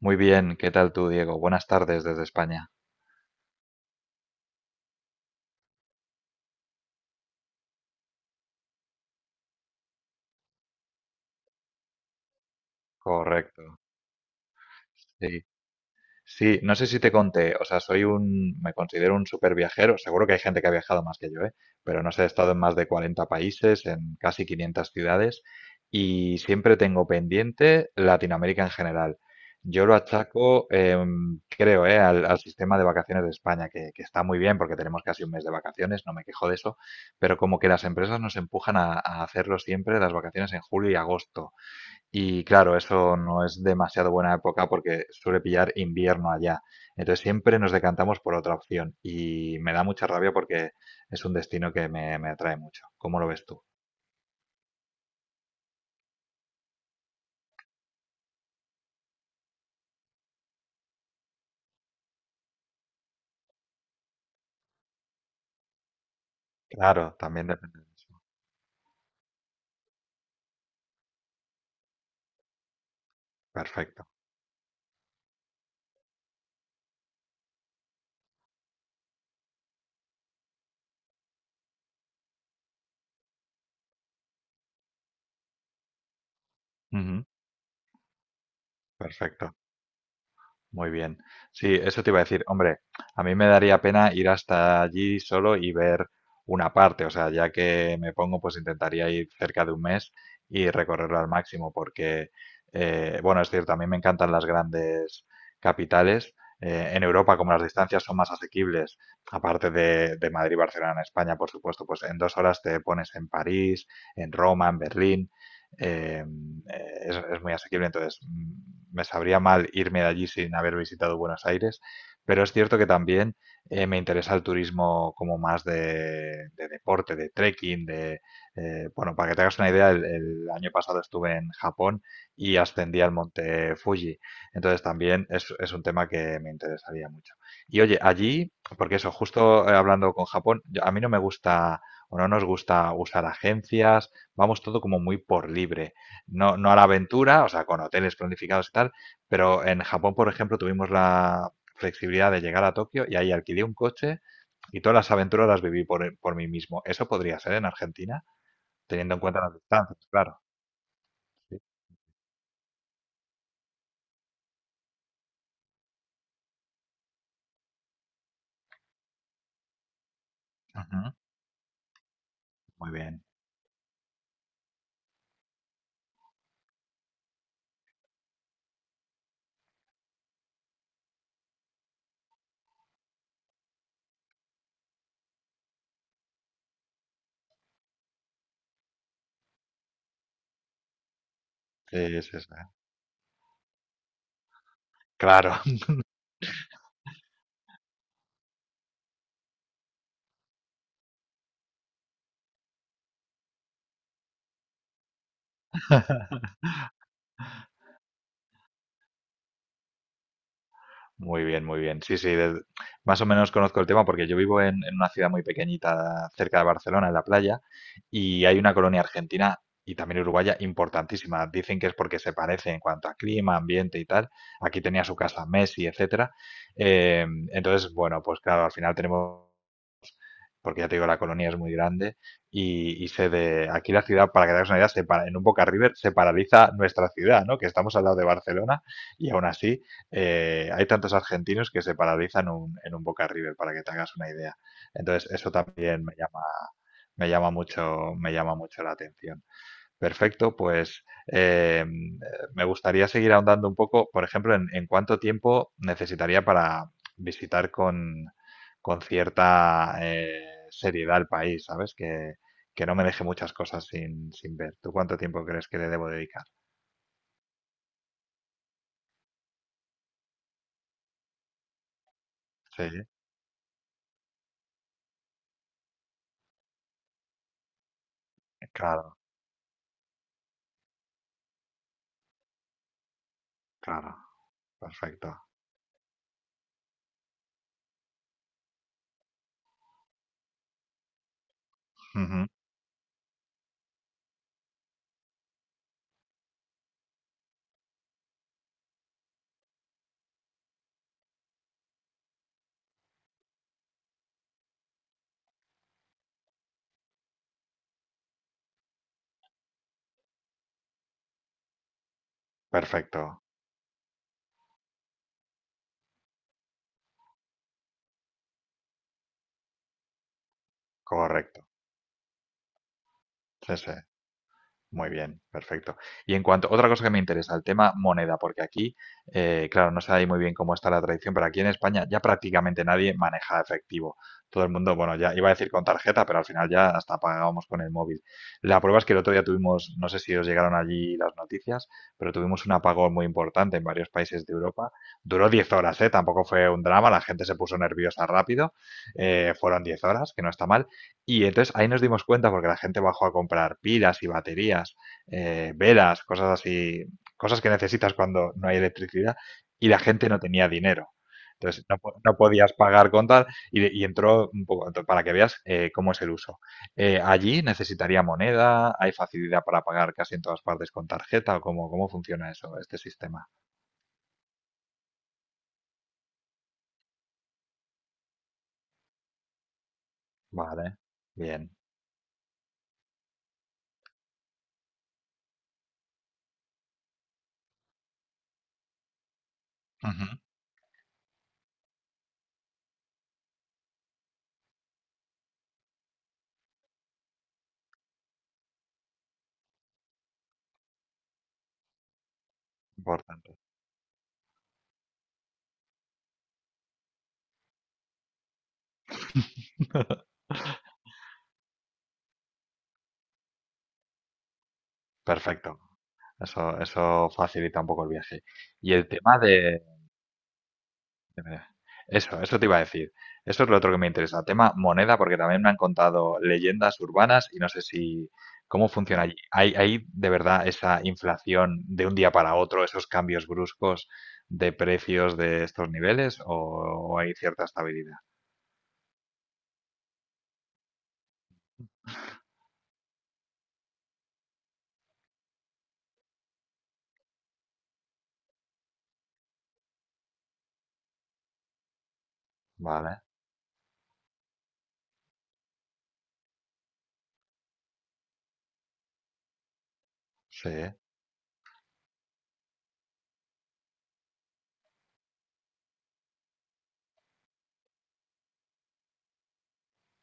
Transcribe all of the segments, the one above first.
Muy bien, ¿qué tal tú, Diego? Buenas tardes desde España. Correcto. Sí. Sí, no sé si te conté, o sea, me considero un super viajero, seguro que hay gente que ha viajado más que yo, ¿eh? Pero no sé, he estado en más de 40 países, en casi 500 ciudades y siempre tengo pendiente Latinoamérica en general. Yo lo achaco, creo, ¿eh? Al sistema de vacaciones de España, que está muy bien porque tenemos casi un mes de vacaciones, no me quejo de eso, pero como que las empresas nos empujan a hacerlo siempre las vacaciones en julio y agosto. Y claro, eso no es demasiado buena época porque suele pillar invierno allá. Entonces siempre nos decantamos por otra opción y me da mucha rabia porque es un destino que me atrae mucho. ¿Cómo lo ves tú? Claro, también depende de eso. Perfecto. Ujú. Perfecto. Muy bien. Sí, eso te iba a decir. Hombre, a mí me daría pena ir hasta allí solo y ver una parte. O sea, ya que me pongo, pues intentaría ir cerca de un mes y recorrerlo al máximo, porque, bueno, es cierto, a mí me encantan las grandes capitales. En Europa, como las distancias son más asequibles, aparte de Madrid, Barcelona, en España, por supuesto, pues en dos horas te pones en París, en Roma, en Berlín. eh, Muy asequible, entonces me sabría mal irme de allí sin haber visitado Buenos Aires, pero es cierto que también me interesa el turismo como más de deporte, de trekking, bueno, para que te hagas una idea, el año pasado estuve en Japón y ascendí al monte Fuji, entonces también es un tema que me interesaría mucho. Y oye, allí, porque eso, justo hablando con Japón, a mí no me gusta o no nos gusta usar agencias. Vamos todo como muy por libre, no a la aventura, o sea, con hoteles planificados y tal, pero en Japón, por ejemplo, tuvimos la flexibilidad de llegar a Tokio y ahí alquilé un coche y todas las aventuras las viví por mí mismo. ¿Eso podría ser en Argentina? Teniendo en cuenta las distancias, claro. Sí. Ujú, muy bien. Sí, sí, sí. Claro. Muy bien, muy bien. Sí, sí, más o menos conozco el tema porque yo vivo en una ciudad muy pequeñita cerca de Barcelona, en la playa, y hay una colonia argentina y también uruguaya importantísima. Dicen que es porque se parece en cuanto a clima, ambiente y tal. Aquí tenía su casa Messi, etcétera. Entonces, bueno, pues claro, al final tenemos porque ya te digo, la colonia es muy grande y aquí la ciudad, para que te hagas una idea, en un Boca River se paraliza nuestra ciudad, ¿no? Que estamos al lado de Barcelona y aún así hay tantos argentinos que se paralizan en un Boca River, para que te hagas una idea. Entonces, eso también me llama mucho la atención. Perfecto, pues me gustaría seguir ahondando un poco, por ejemplo, en cuánto tiempo necesitaría para visitar con cierta seriedad el país, ¿sabes? Que no me deje muchas cosas sin ver. ¿Tú cuánto tiempo crees que le debo dedicar? Sí, claro, claro, perfecto. Ujú. Perfecto, correcto. Sí, sí. Muy bien, perfecto. Y en cuanto, otra cosa que me interesa, el tema moneda, porque aquí, claro, no sé ahí muy bien cómo está la tradición, pero aquí en España ya prácticamente nadie maneja efectivo. Todo el mundo, bueno, ya iba a decir con tarjeta, pero al final ya hasta pagábamos con el móvil. La prueba es que el otro día tuvimos, no sé si os llegaron allí las noticias, pero tuvimos un apagón muy importante en varios países de Europa. Duró 10 horas, ¿eh? Tampoco fue un drama, la gente se puso nerviosa rápido. Fueron 10 horas, que no está mal. Y entonces ahí nos dimos cuenta, porque la gente bajó a comprar pilas y baterías, velas, cosas así, cosas que necesitas cuando no hay electricidad, y la gente no tenía dinero. Entonces no, no podías pagar con tal y entró un poco, para que veas cómo es el uso. Allí necesitaría moneda, ¿hay facilidad para pagar casi en todas partes con tarjeta, o cómo funciona eso, este sistema? Vale, bien. Ujú. Importante. Perfecto. Eso eso facilita un poco el viaje. Y el tema de- eso, eso te iba a decir. Eso es lo otro que me interesa. Tema moneda, porque también me han contado leyendas urbanas y no sé si cómo funciona allí. ¿Hay de verdad esa inflación de un día para otro, esos cambios bruscos de precios de estos niveles o hay cierta estabilidad? Vale, sí.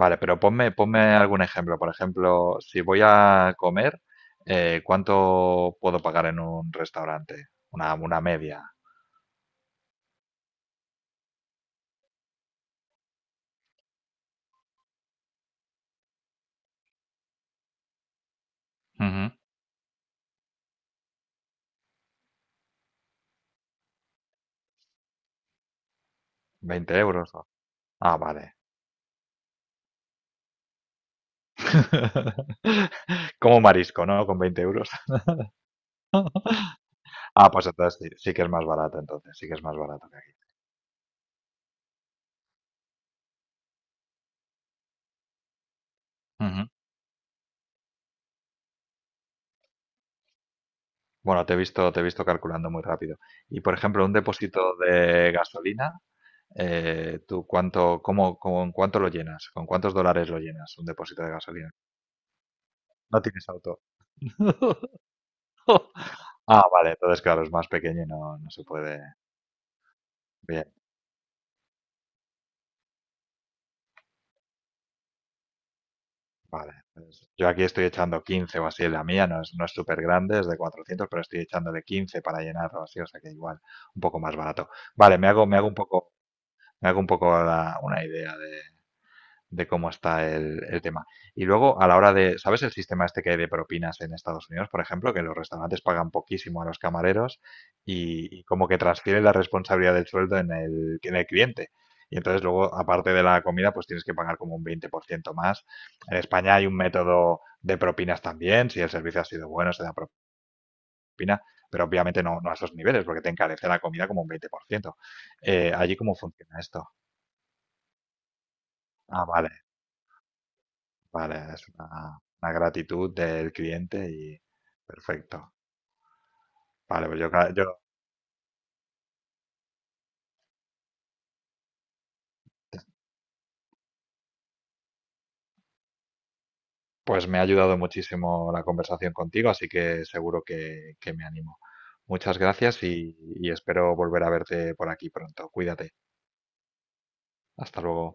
Vale, pero ponme, ponme algún ejemplo. Por ejemplo, si voy a comer, ¿cuánto puedo pagar en un restaurante? Una media. Ujú, 20 euros. ¿No? Ah, vale. Como marisco, ¿no? Con veinte euros. Ah, pues entonces sí, sí que es más barato, entonces, sí que es más barato que aquí. Ujú. Bueno, te he visto calculando muy rápido. Y por ejemplo, un depósito de gasolina, ¿tú cuánto, cómo, con cuánto lo llenas? ¿Con cuántos dólares lo llenas un depósito de gasolina? No tienes auto. Ah, vale, entonces claro, es más pequeño y no, no se puede. Bien, vale. Pues yo aquí estoy echando 15 o así en la mía, no es, no es súper grande, es de 400, pero estoy echándole 15 para llenarlo así, o sea que igual, un poco más barato. Vale, me hago un poco, me hago un poco una idea de cómo está el tema. Y luego, a la hora de, ¿sabes el sistema este que hay de propinas en Estados Unidos, por ejemplo? Que los restaurantes pagan poquísimo a los camareros y como que transfieren la responsabilidad del sueldo en el cliente. Y entonces luego, aparte de la comida, pues tienes que pagar como un 20% más. En España hay un método de propinas también. Si el servicio ha sido bueno, se da propina, pero obviamente no, no a esos niveles porque te encarece la comida como un 20%. ¿Allí cómo funciona esto? Ah, vale. Vale, es una gratitud del cliente y perfecto. Vale, pues yo, pues me ha ayudado muchísimo la conversación contigo, así que seguro que me animo. Muchas gracias y espero volver a verte por aquí pronto. Cuídate. Hasta luego.